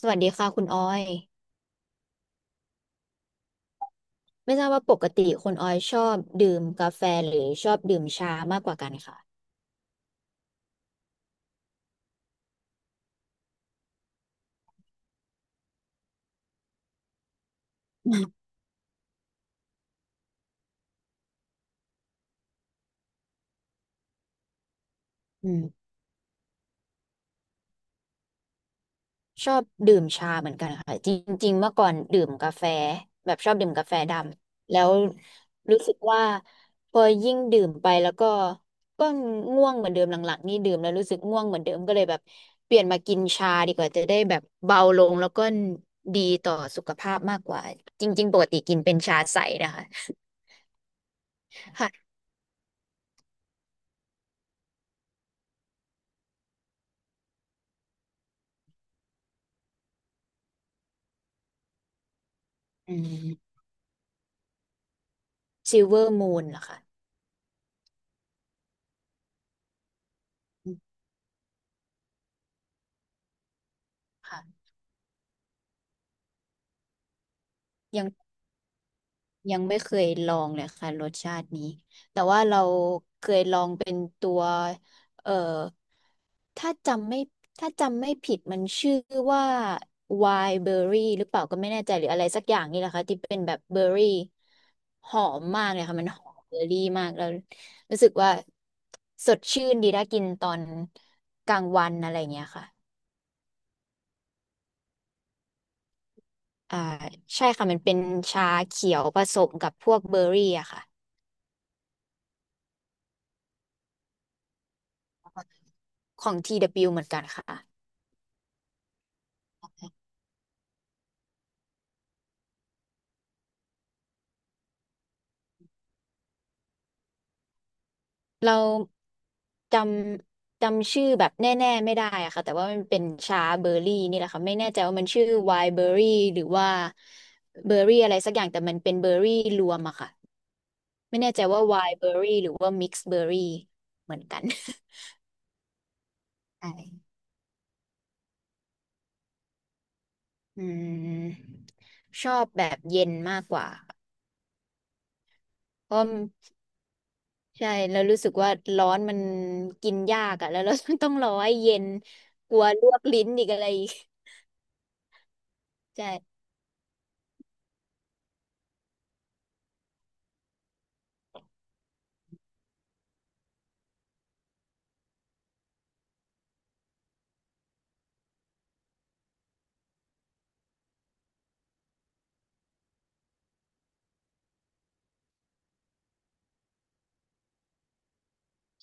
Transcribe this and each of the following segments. สวัสดีค่ะคุณออยไม่ทราบว่าปกติคุณออยชอบดื่มกาแฟหรือชอบดื่มชามากกว่ากันค่ะอืมชอบดื่มชาเหมือนกันค่ะจริงๆเมื่อก่อนดื่มกาแฟแบบชอบดื่มกาแฟดำแล้วรู้สึกว่าพอยิ่งดื่มไปแล้วก็ก็ง่วงเหมือนเดิมหลังๆนี่ดื่มแล้วรู้สึกง่วงเหมือนเดิมก็เลยแบบเปลี่ยนมากินชาดีกว่าจะได้แบบเบาลงแล้วก็ดีต่อสุขภาพมากกว่าจริงๆปกติกินเป็นชาใสนะคะค่ะอืม ซิลเวอร์มูนเหรอคะอืมค่ะยังยังไม่เคยลองเลยค่ะรสชาตินี้ แต่ว่าเราเคยลองเป็นตัวเอ่อถ้าจำไม่ถ้าจำไม่ผิดมันชื่อว่าไวน์เบอร์รี่หรือเปล่าก็ไม่แน่ใจหรืออะไรสักอย่างนี่แหละค่ะที่เป็นแบบเบอร์รี่หอมมากเลยค่ะมันหอมเบอร์รี่มากแล้วรู้สึกว่าสดชื่นดีถ้ากินตอนกลางวันอะไรอย่างเงี้ยค่ะ อ่าใช่ค่ะมันเป็นชาเขียวผสมกับพวกเบอร์รี่อะค่ะของท TW เบิลยูเหมือนกันค่ะเราจจำชื่อแบบแน่ๆไม่ได้อะค่ะแต่ว่ามันเป็นชาเบอร์รี่นี่แหละค่ะไม่แน่ใจว่ามันชื่อไวน์เบอร์รี่หรือว่าเบอร์รี่อะไรสักอย่างแต่มันเป็นเบอร์รี่รวมอะค่ะไม่แน่ใจว่าไวน์เบอร์รี่หรือว่ามิกซ์เบอร์รี่เหมือนกัน ใช่อืมชอบแบบเย็นมากกว่าเพราะ ใช่แล้วรู้สึกว่าร้อนมันกินยากอะแล้วเราต้องรอให้เย็น กลัวลวกลิ้นอีกอะไรอีก ใช่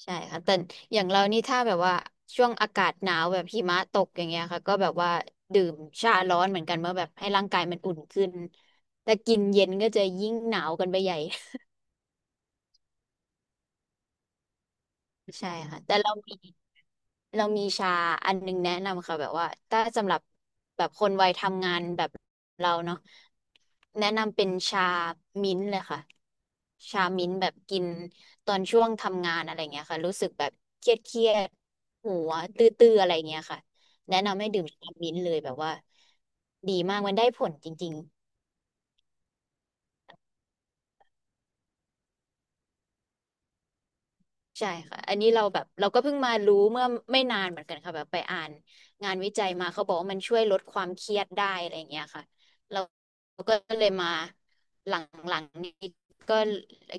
ใช่ค่ะแต่อย่างเรานี่ถ้าแบบว่า ช่วงอากาศหนาว แบบหิมะตกอย่างเงี้ยค่ะก็แบบว่า ดื่มชาร้อนเหมือนกันเมื่อแบบให้ร่างกายมันอุ่นขึ้น แต่กินเย็นก็จะยิ่งหนาวกันไปใหญ่ ใช่ค่ะแต่เรามีชาอันนึงแนะนำค่ะแบบว่าถ้าสำหรับแบบคนวัยทำงานแบบเราเนาะแนะนำเป็นชามิ้นท์เลยค่ะชามิ้นท์แบบกินตอนช่วงทำงานอะไรเงี้ยค่ะรู้สึกแบบเครียดหัวตื้อๆอะไรเงี้ยค่ะแนะนำให้ดื่มชามิ้นท์เลยแบบว่าดีมากมันได้ผลจริง ใช่ค่ะอันนี้เราแบบเราก็เพิ่งมารู้เมื่อไม่นานเหมือนกันค่ะแบบไปอ่านงานวิจัยมาเขาบอกว่ามันช่วยลดความเครียดได้อะไรอย่างเงี้ยค่ะเราก็เลยมาหลังๆนี้ก็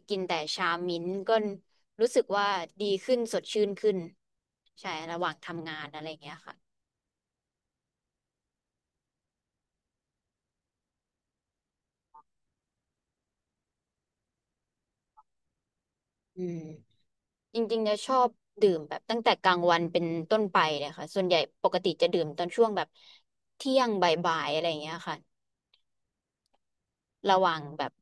กินแต่ชามิ้นท์ก็รู้สึกว่าดีขึ้นสดชื่นขึ้นใช่ระหว่างทำงานอะไรอย่างเงี้ยค่ะอืมจริงๆจะชอบดื่มแบบตั้งแต่กลางวันเป็นต้นไปเลยค่ะส่วนใหญ่ปกติจะดื่มตอนช่วงแบบเที่ยงบ่ายๆอะไรอย่างเงี้ยค่ะ ระหว่างแบบ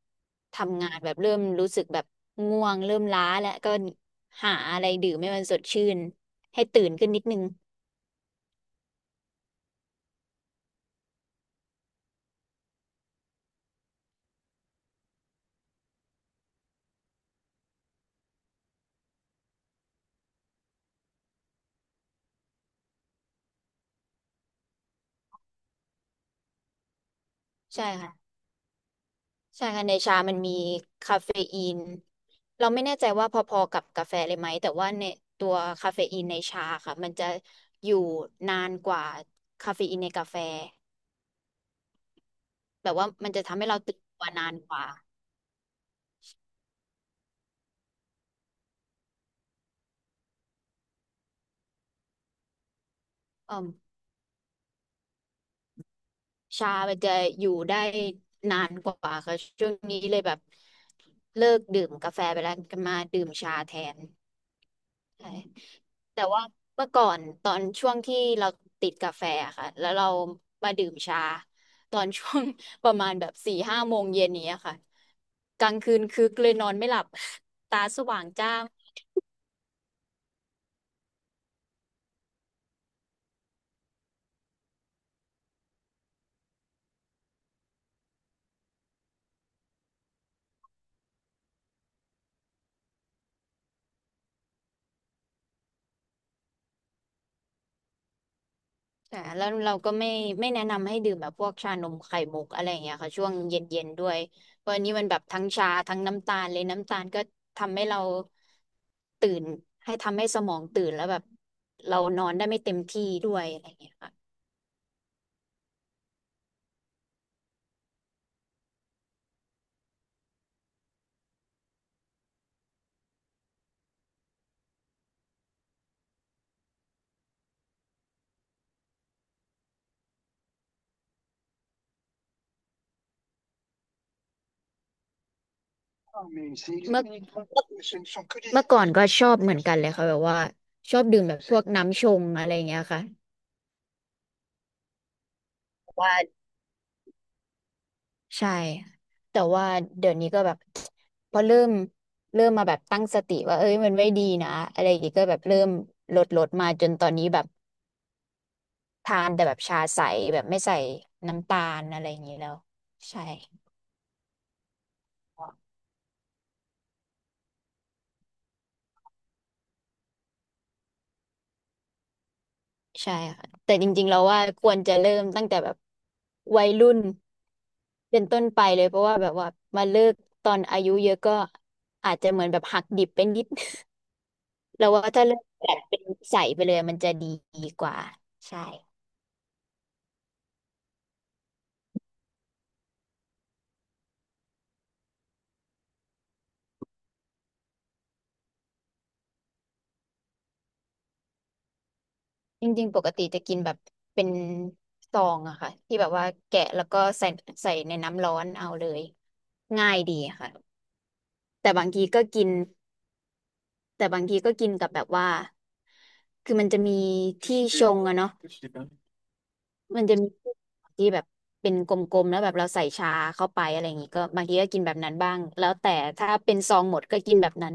ทำงานแบบเริ่มรู้สึกแบบง่วงเริ่มล้าแล้วก็หาอะไรดื่มให้มันสดชื่นให้ตื่นขึ้นนิดนึงใช่ค่ะใช่ค่ะในชามันมีคาเฟอีนเราไม่แน่ใจว่าพอๆกับกาแฟเลยไหมแต่ว่าในตัวคาเฟอีนในชาค่ะมันจะอยู่นานกว่าคาเฟอีนในกาแฟแบบว่ามันจะทำให้เราตื่นตัวนานกว่าอืม ชามันจะอยู่ได้นานกว่าค่ะช่วงนี้เลยแบบเลิกดื่มกาแฟไปแล้วก็มาดื่มชาแทนใช่แต่ว่าเมื่อก่อนตอนช่วงที่เราติดกาแฟอะค่ะแล้วเรามาดื่มชาตอนช่วง ประมาณแบบ4-5 โมงเย็นนี้ยค่ะกลางคืนคึกเลยนอนไม่หลับ ตาสว่างจ้า แต่แล้วเราก็ไม่แนะนำให้ดื่มแบบพวกชานมไข่มุกอะไรอย่างเงี้ยค่ะช่วงเย็นๆด้วยเพราะอันนี้มันแบบทั้งชาทั้งน้ำตาลเลยน้ำตาลก็ทำให้เราตื่นให้ทำให้สมองตื่นแล้วแบบเรานอนได้ไม่เต็มที่ด้วยอะไรอย่างเงี้ยค่ะเมื่อเมื่อก่อนก็ชอบเหมือนกันเลยค่ะแบบว่าชอบดื่มแบบพวกน้ำชงอะไรอย่างเงี้ยค่ะ ใช่แต่ว่าเดี๋ยวนี้ก็แบบ พอเริ่มมาแบบตั้งสติว่าเอ้ยมันไม่ดีนะอะไรอย่างงี้ก็แบบเริ่มลดมาจนตอนนี้แบบทานแต่แบบชาใสแบบไม่ใส่น้ำตาลอะไรอย่างงี้แล้วใช่ใช่ค่ะแต่จริงๆเราว่าควรจะเริ่มตั้งแต่แบบวัยรุ่นเป็นต้นไปเลยเพราะว่าแบบว่ามาเลิกตอนอายุเยอะก็อาจจะเหมือนแบบหักดิบเป็นนิด เราว่าถ้าเลิกแบบเป็นใสไปเลยมันจะดีกว่าใช่ จริงๆปกติจะกินแบบเป็นซองอะค่ะที่แบบว่าแกะแล้วก็ใส่ในน้ำร้อนเอาเลยง่ายดีค่ะแต่บางทีก็กินแต่บางทีก็กินกับแบบว่าคือมันจะมีที่ชงอะเนาะมันจะมีที่แบบเป็นกลมๆแล้วแบบเราใส่ชาเข้าไปอะไรอย่างงี้ก็บางทีก็กินแบบนั้นบ้างแล้วแต่ถ้าเป็นซองหมดก็กินแบบนั้น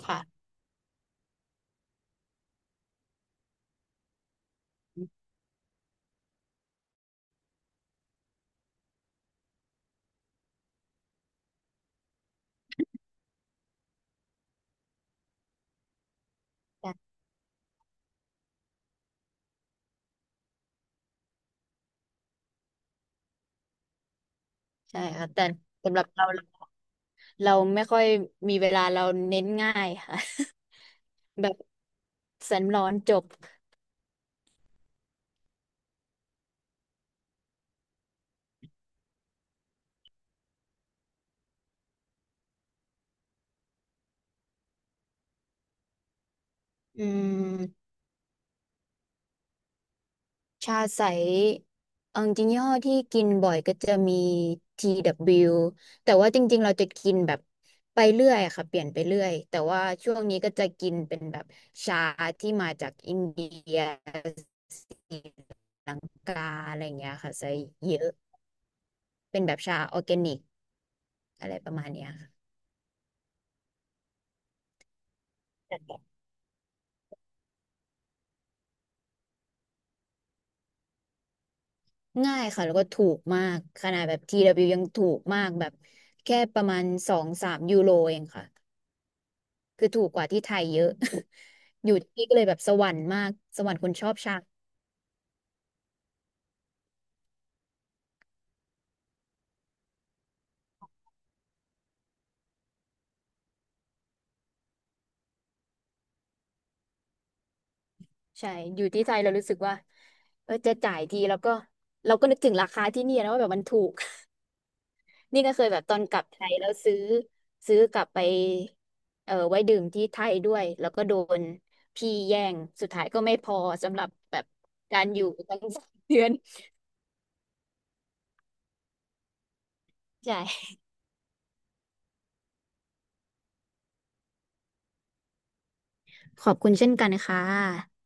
ค่ะใช่ใช่ค่ะแต่สำหรับเราเราไม่ค่อยมีเวลาเราเน้นง่ายค่ะ แบบแสนร้อนจบอืมชาใสเอาจริงๆยี่ห้อที่กินบ่อยก็จะมี TW แต่ว่าจริงๆเราจะกินแบบไปเรื่อยอะค่ะเปลี่ยนไปเรื่อยแต่ว่าช่วงนี้ก็จะกินเป็นแบบชาที่มาจากอินเดียสีกาอะไรอย่างเงี้ยค่ะใส่เยอะเป็นแบบชาออร์แกนิกอะไรประมาณเนี้ยค่ะง่ายค่ะแล้วก็ถูกมากขนาดแบบ TW ยยังถูกมากแบบแค่ประมาณ2-3 ยูโรเองค่ะ คือถูกกว่าที่ไทยเยอะ อยู่ที่นี่ก็เลยแบบสวรรค์มากสวรรค์คนชอบชาใช่อยู่ที่ไทยเรารู้สึกว่าเออจะจ่ายทีแล้วก็เราก็นึกถึงราคาที่เนี่ยนะว่าแบบมันถูก นี่ก็เคยแบบตอนกลับไทยแล้วซื้อซื้อกลับไปเออไว้ดื่มที่ไทยด้วยแล้วก็โดนพี่แย่ง สุดท้ายก็ไม่พอสำหรับแบบการอยู่ตั้ง 3 เดือนใช่ขอบคุณเช่นกันค่ะ